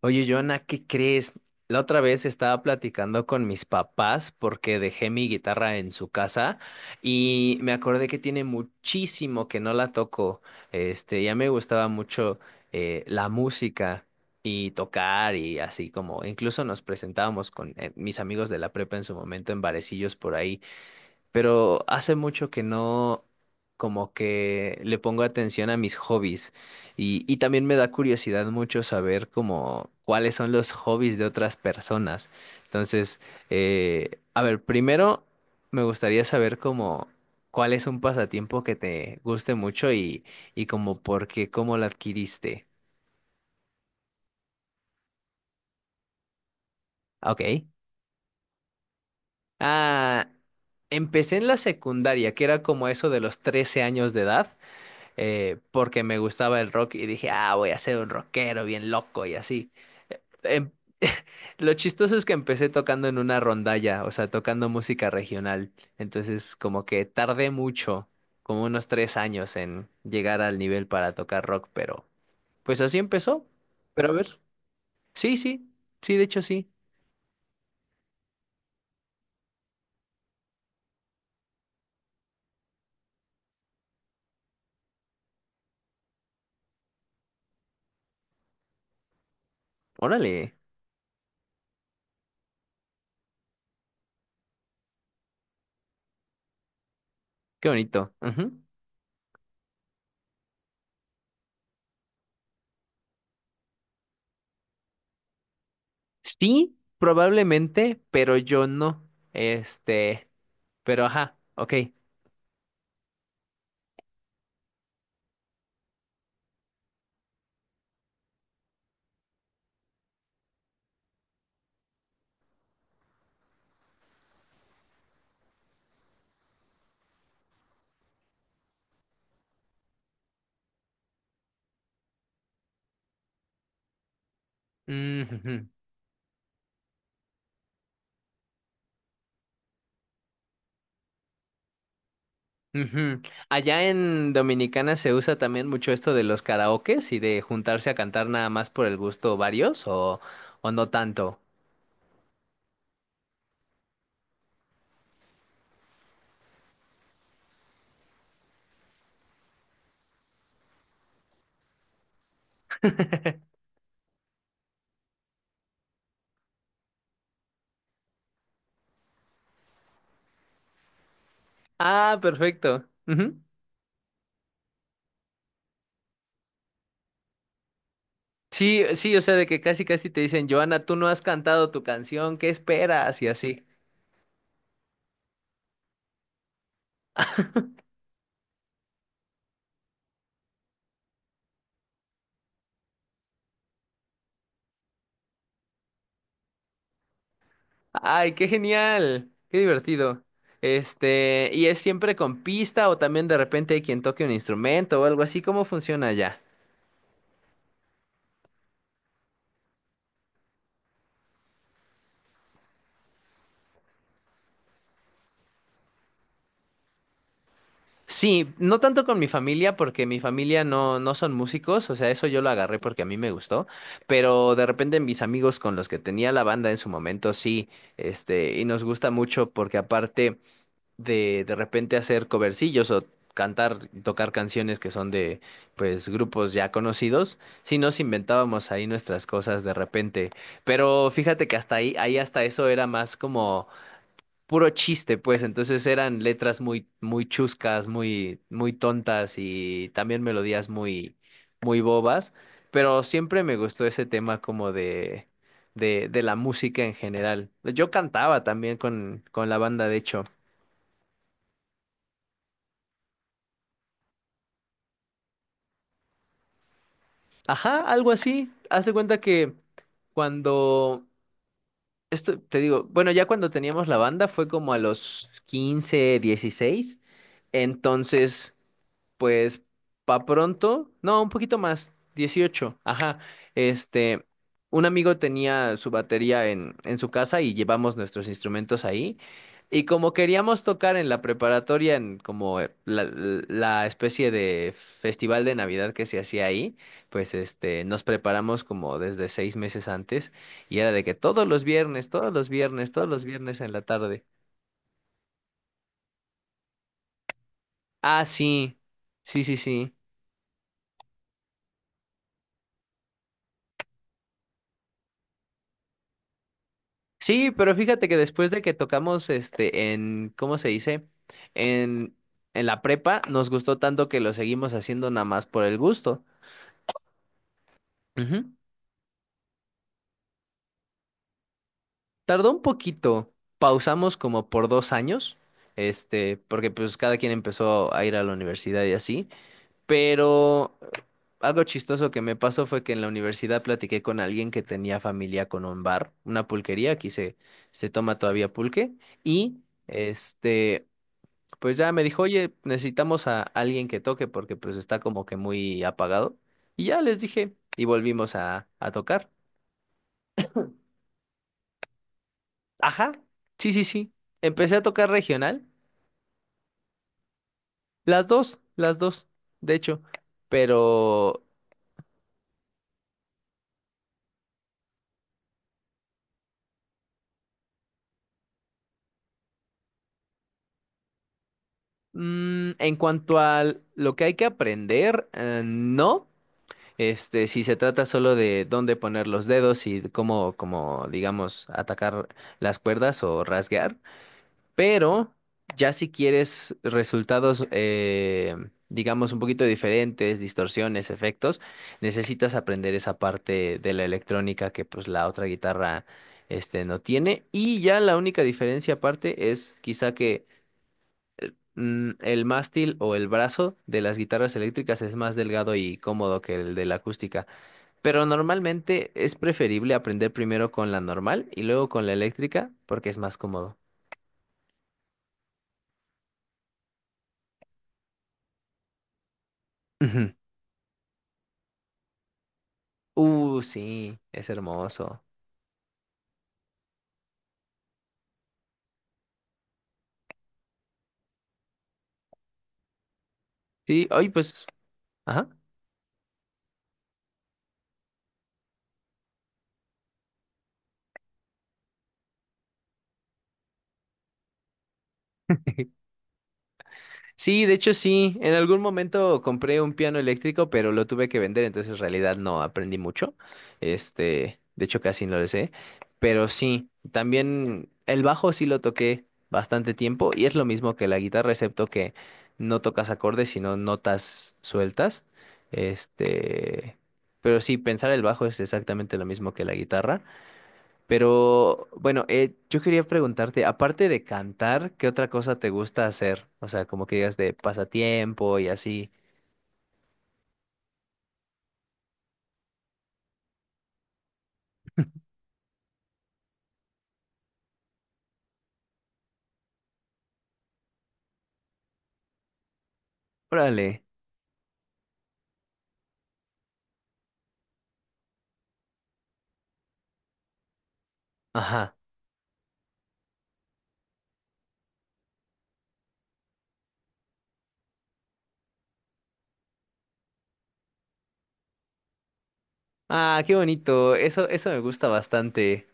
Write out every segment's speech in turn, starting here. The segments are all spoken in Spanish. Oye, Joana, ¿qué crees? La otra vez estaba platicando con mis papás porque dejé mi guitarra en su casa y me acordé que tiene muchísimo que no la toco. Ya me gustaba mucho la música y tocar y así como incluso nos presentábamos con mis amigos de la prepa en su momento en barecillos por ahí pero hace mucho que no como que le pongo atención a mis hobbies y también me da curiosidad mucho saber como cuáles son los hobbies de otras personas. Entonces, a ver, primero me gustaría saber como cuál es un pasatiempo que te guste mucho y como por qué, cómo lo adquiriste. Ah, Ok. Ah, empecé en la secundaria, que era como eso de los 13 años de edad. Porque me gustaba el rock y dije, ah, voy a ser un rockero bien loco y así. Em- Lo chistoso es que empecé tocando en una rondalla, o sea, tocando música regional. Entonces, como que tardé mucho, como unos 3 años en llegar al nivel para tocar rock, pero pues así empezó. Pero a ver, sí, sí, sí, de hecho sí. Órale, qué bonito. Ujú. Sí, probablemente, pero yo no. Este, pero ajá, ok. Ujujú. Ujú. Allá en Dominicana se usa también mucho esto de los karaokes y de juntarse a cantar nada más por el gusto varios o no tanto. Ah, perfecto. Ujú. Sí, sí, o sea, de que casi casi te dicen, Joana, tú no has cantado tu canción, ¿qué esperas? Y así. Ay, qué genial, qué divertido. Este, ¿y es siempre con pista o también de repente hay quien toque un instrumento o algo así? ¿Cómo funciona allá? Sí, no tanto con mi familia, porque mi familia no, no son músicos, o sea, eso yo lo agarré porque a mí me gustó, pero de repente mis amigos con los que tenía la banda en su momento, sí, y nos gusta mucho porque aparte de repente hacer covercillos o cantar, tocar canciones que son de, pues, grupos ya conocidos, sí nos inventábamos ahí nuestras cosas de repente, pero fíjate que hasta ahí, ahí hasta eso era más como puro chiste, pues. Entonces eran letras muy, muy chuscas, muy, muy tontas y también melodías muy, muy bobas. Pero siempre me gustó ese tema como de, de la música en general. Yo cantaba también con la banda, de hecho. Ajá, algo así. Haz de cuenta que cuando, esto te digo, bueno, ya cuando teníamos la banda fue como a los 15 16. Entonces. Pues pa' pronto, no, un poquito más, 18. Ajá. Este, un amigo tenía su batería en su casa y llevamos nuestros instrumentos ahí. Y como queríamos tocar en la preparatoria, en como la especie de festival de Navidad que se hacía ahí, pues nos preparamos como desde 6 meses antes y era de que todos los viernes, todos los viernes, todos los viernes en la tarde. Ah, sí, sí, sí, sí. Sí, pero fíjate que después de que tocamos en, ¿cómo se dice? En, en la prepa, nos gustó tanto que lo seguimos haciendo nada más por el gusto. Ujú. Tardó un poquito, pausamos como por 2 años, porque pues cada quien empezó a ir a la universidad y así, pero algo chistoso que me pasó fue que en la universidad platiqué con alguien que tenía familia con un bar, una pulquería, aquí se, se toma todavía pulque, y... Este, pues ya me dijo, oye, necesitamos a alguien que toque porque pues está como que muy apagado. Y ya les dije, y volvimos a tocar. Ajá, sí, sí, sí. Empecé a tocar regional, las dos, de hecho. Pero en cuanto a lo que hay que aprender, no. Si se trata solo de dónde poner los dedos y cómo, como digamos, atacar las cuerdas o rasguear. Pero ya si quieres resultados, digamos, un poquito diferentes, distorsiones, efectos, necesitas aprender esa parte de la electrónica que pues la otra guitarra no tiene. Y ya la única diferencia aparte es quizá que el mástil o el brazo de las guitarras eléctricas es más delgado y cómodo que el de la acústica. Pero normalmente es preferible aprender primero con la normal y luego con la eléctrica porque es más cómodo. Sí, es hermoso. Sí, hoy pues, ajá. Sí, de hecho sí, en algún momento compré un piano eléctrico, pero lo tuve que vender, entonces en realidad no aprendí mucho. De hecho casi no lo sé, pero sí, también el bajo sí lo toqué bastante tiempo y es lo mismo que la guitarra, excepto que no tocas acordes, sino notas sueltas. Este, pero sí, pensar el bajo es exactamente lo mismo que la guitarra. Pero bueno, yo quería preguntarte, aparte de cantar, ¿qué otra cosa te gusta hacer? O sea, como que digas de pasatiempo y así. Órale. Ajá. Ah, qué bonito. Eso me gusta bastante.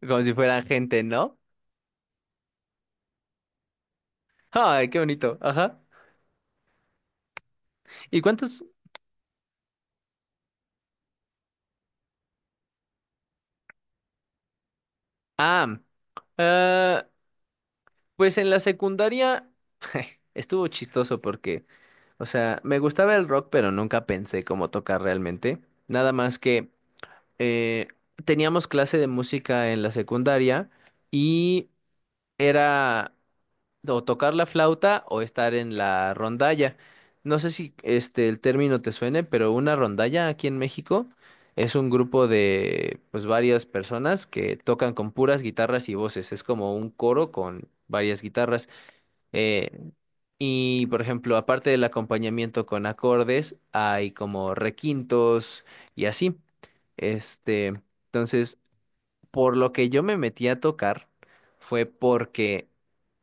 Como si fuera gente, ¿no? Ay, qué bonito. Ajá. ¿Y cuántos? Ah, ah, pues en la secundaria estuvo chistoso porque, o sea, me gustaba el rock, pero nunca pensé cómo tocar realmente. Nada más que eh, teníamos clase de música en la secundaria y era o tocar la flauta o estar en la rondalla. No sé si el término te suene, pero una rondalla aquí en México es un grupo de pues varias personas que tocan con puras guitarras y voces. Es como un coro con varias guitarras. Eh, y, por ejemplo, aparte del acompañamiento con acordes, hay como requintos y así. Este, entonces, por lo que yo me metí a tocar fue porque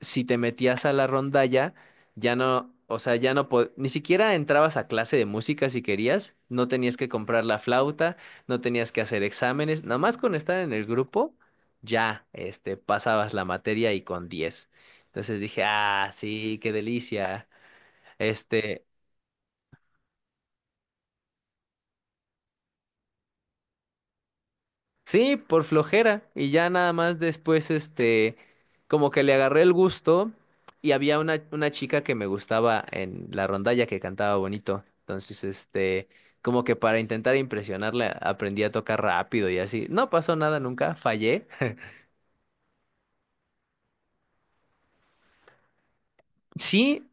si te metías a la rondalla, ya no, o sea, ya no, po- ni siquiera entrabas a clase de música si querías, no tenías que comprar la flauta, no tenías que hacer exámenes, nada más con estar en el grupo, ya, pasabas la materia y con 10. Entonces dije, ah, sí, qué delicia. Este, Sí, por flojera. Y ya nada más después, como que le agarré el gusto y había una chica que me gustaba en la rondalla que cantaba bonito. Entonces, como que para intentar impresionarla, aprendí a tocar rápido y así. No pasó nada nunca, fallé. Sí,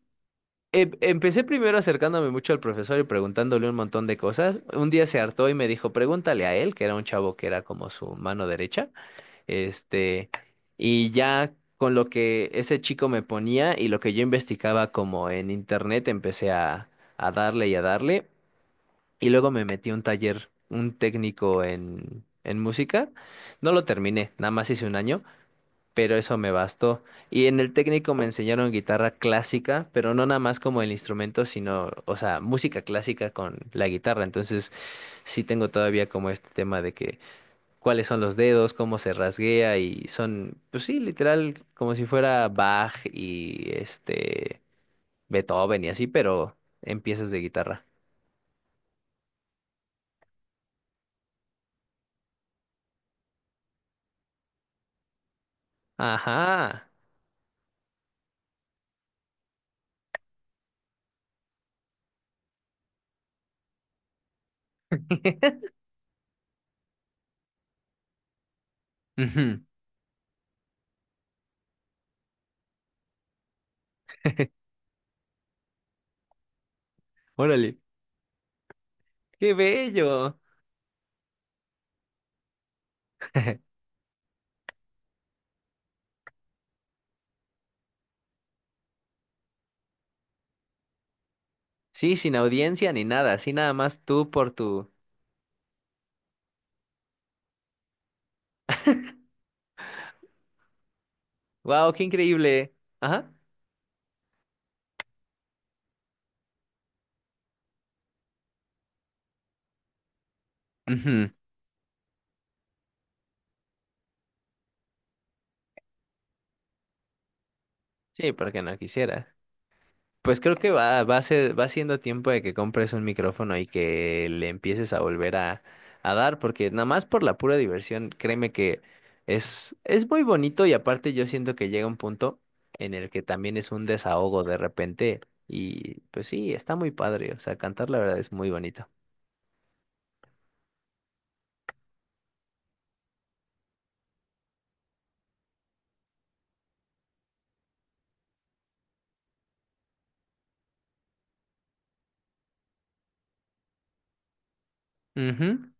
empecé primero acercándome mucho al profesor y preguntándole un montón de cosas. Un día se hartó y me dijo, pregúntale a él, que era un chavo que era como su mano derecha. Este, y ya con lo que ese chico me ponía y lo que yo investigaba como en internet, empecé a darle y a darle. Y luego me metí a un taller, un técnico en música. No lo terminé, nada más hice un año, pero eso me bastó. Y en el técnico me enseñaron guitarra clásica, pero no nada más como el instrumento, sino, o sea, música clásica con la guitarra. Entonces, sí tengo todavía como este tema de que cuáles son los dedos, cómo se rasguea y son, pues sí, literal, como si fuera Bach y Beethoven y así, pero en piezas de guitarra. Ajá. Ujú. Órale, qué bello. Sí, sin audiencia ni nada, así nada más tú por tu. Wow, qué increíble. Ajá. Ujú. Sí, porque no quisiera. Pues creo que va siendo tiempo de que compres un micrófono y que le empieces a volver a dar, porque nada más por la pura diversión, créeme que es muy bonito y aparte yo siento que llega un punto en el que también es un desahogo de repente y pues sí, está muy padre, o sea, cantar la verdad es muy bonito. Ujú.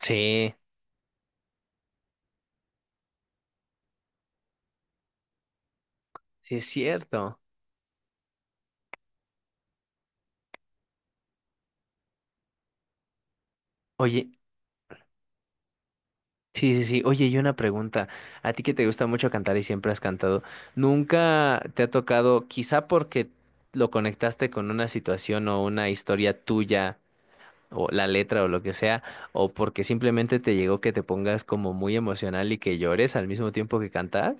Sí, sí es cierto. Oye, sí, sí, sí. Oye, y una pregunta. A ti que te gusta mucho cantar y siempre has cantado, ¿nunca te ha tocado, quizá porque lo conectaste con una situación o una historia tuya, o la letra o lo que sea, o porque simplemente te llegó que te pongas como muy emocional y que llores al mismo tiempo que cantas?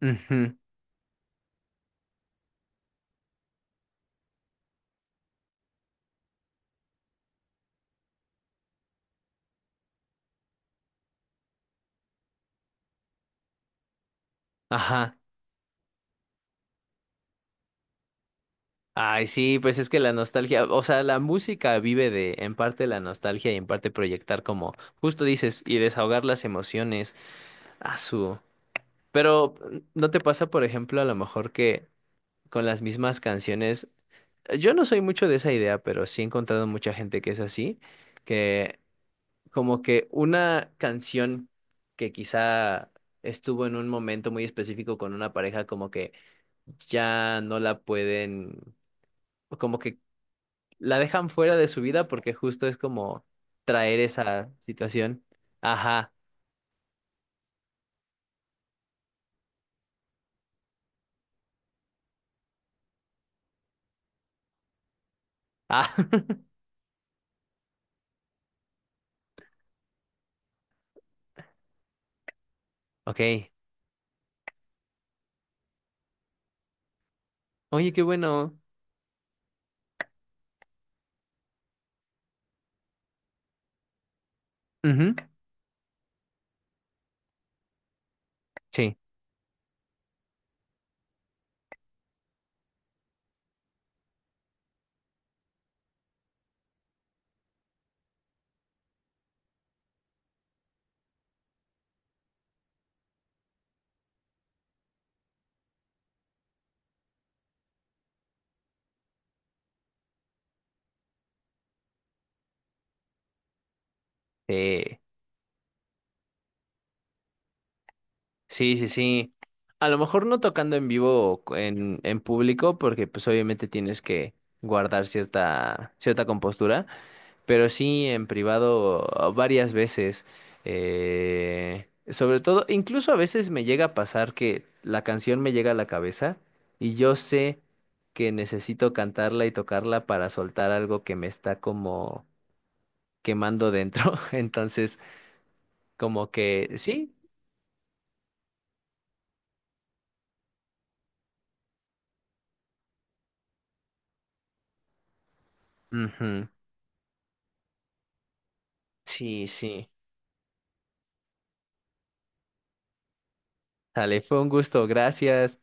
Ujú, ajá. Ay, sí, pues es que la nostalgia, o sea, la música vive de, en parte la nostalgia y en parte proyectar como, justo dices, y desahogar las emociones. A su... Pero ¿no te pasa, por ejemplo, a lo mejor que con las mismas canciones, yo no soy mucho de esa idea, pero sí he encontrado mucha gente que es así, que como que una canción que quizá estuvo en un momento muy específico con una pareja, como que ya no la pueden, o como que la dejan fuera de su vida porque justo es como traer esa situación. Ajá. Ah, ok. Oye, qué bueno. Ujú, sí. Sí. Sí, sí, sí. A lo mejor no tocando en vivo o en público, porque pues obviamente tienes que guardar cierta, cierta compostura, pero sí en privado varias veces. Sobre todo, incluso a veces me llega a pasar que la canción me llega a la cabeza y yo sé que necesito cantarla y tocarla para soltar algo que me está como quemando dentro. Entonces, como que sí. Ujú, sí, sí. Dale, fue un gusto, gracias.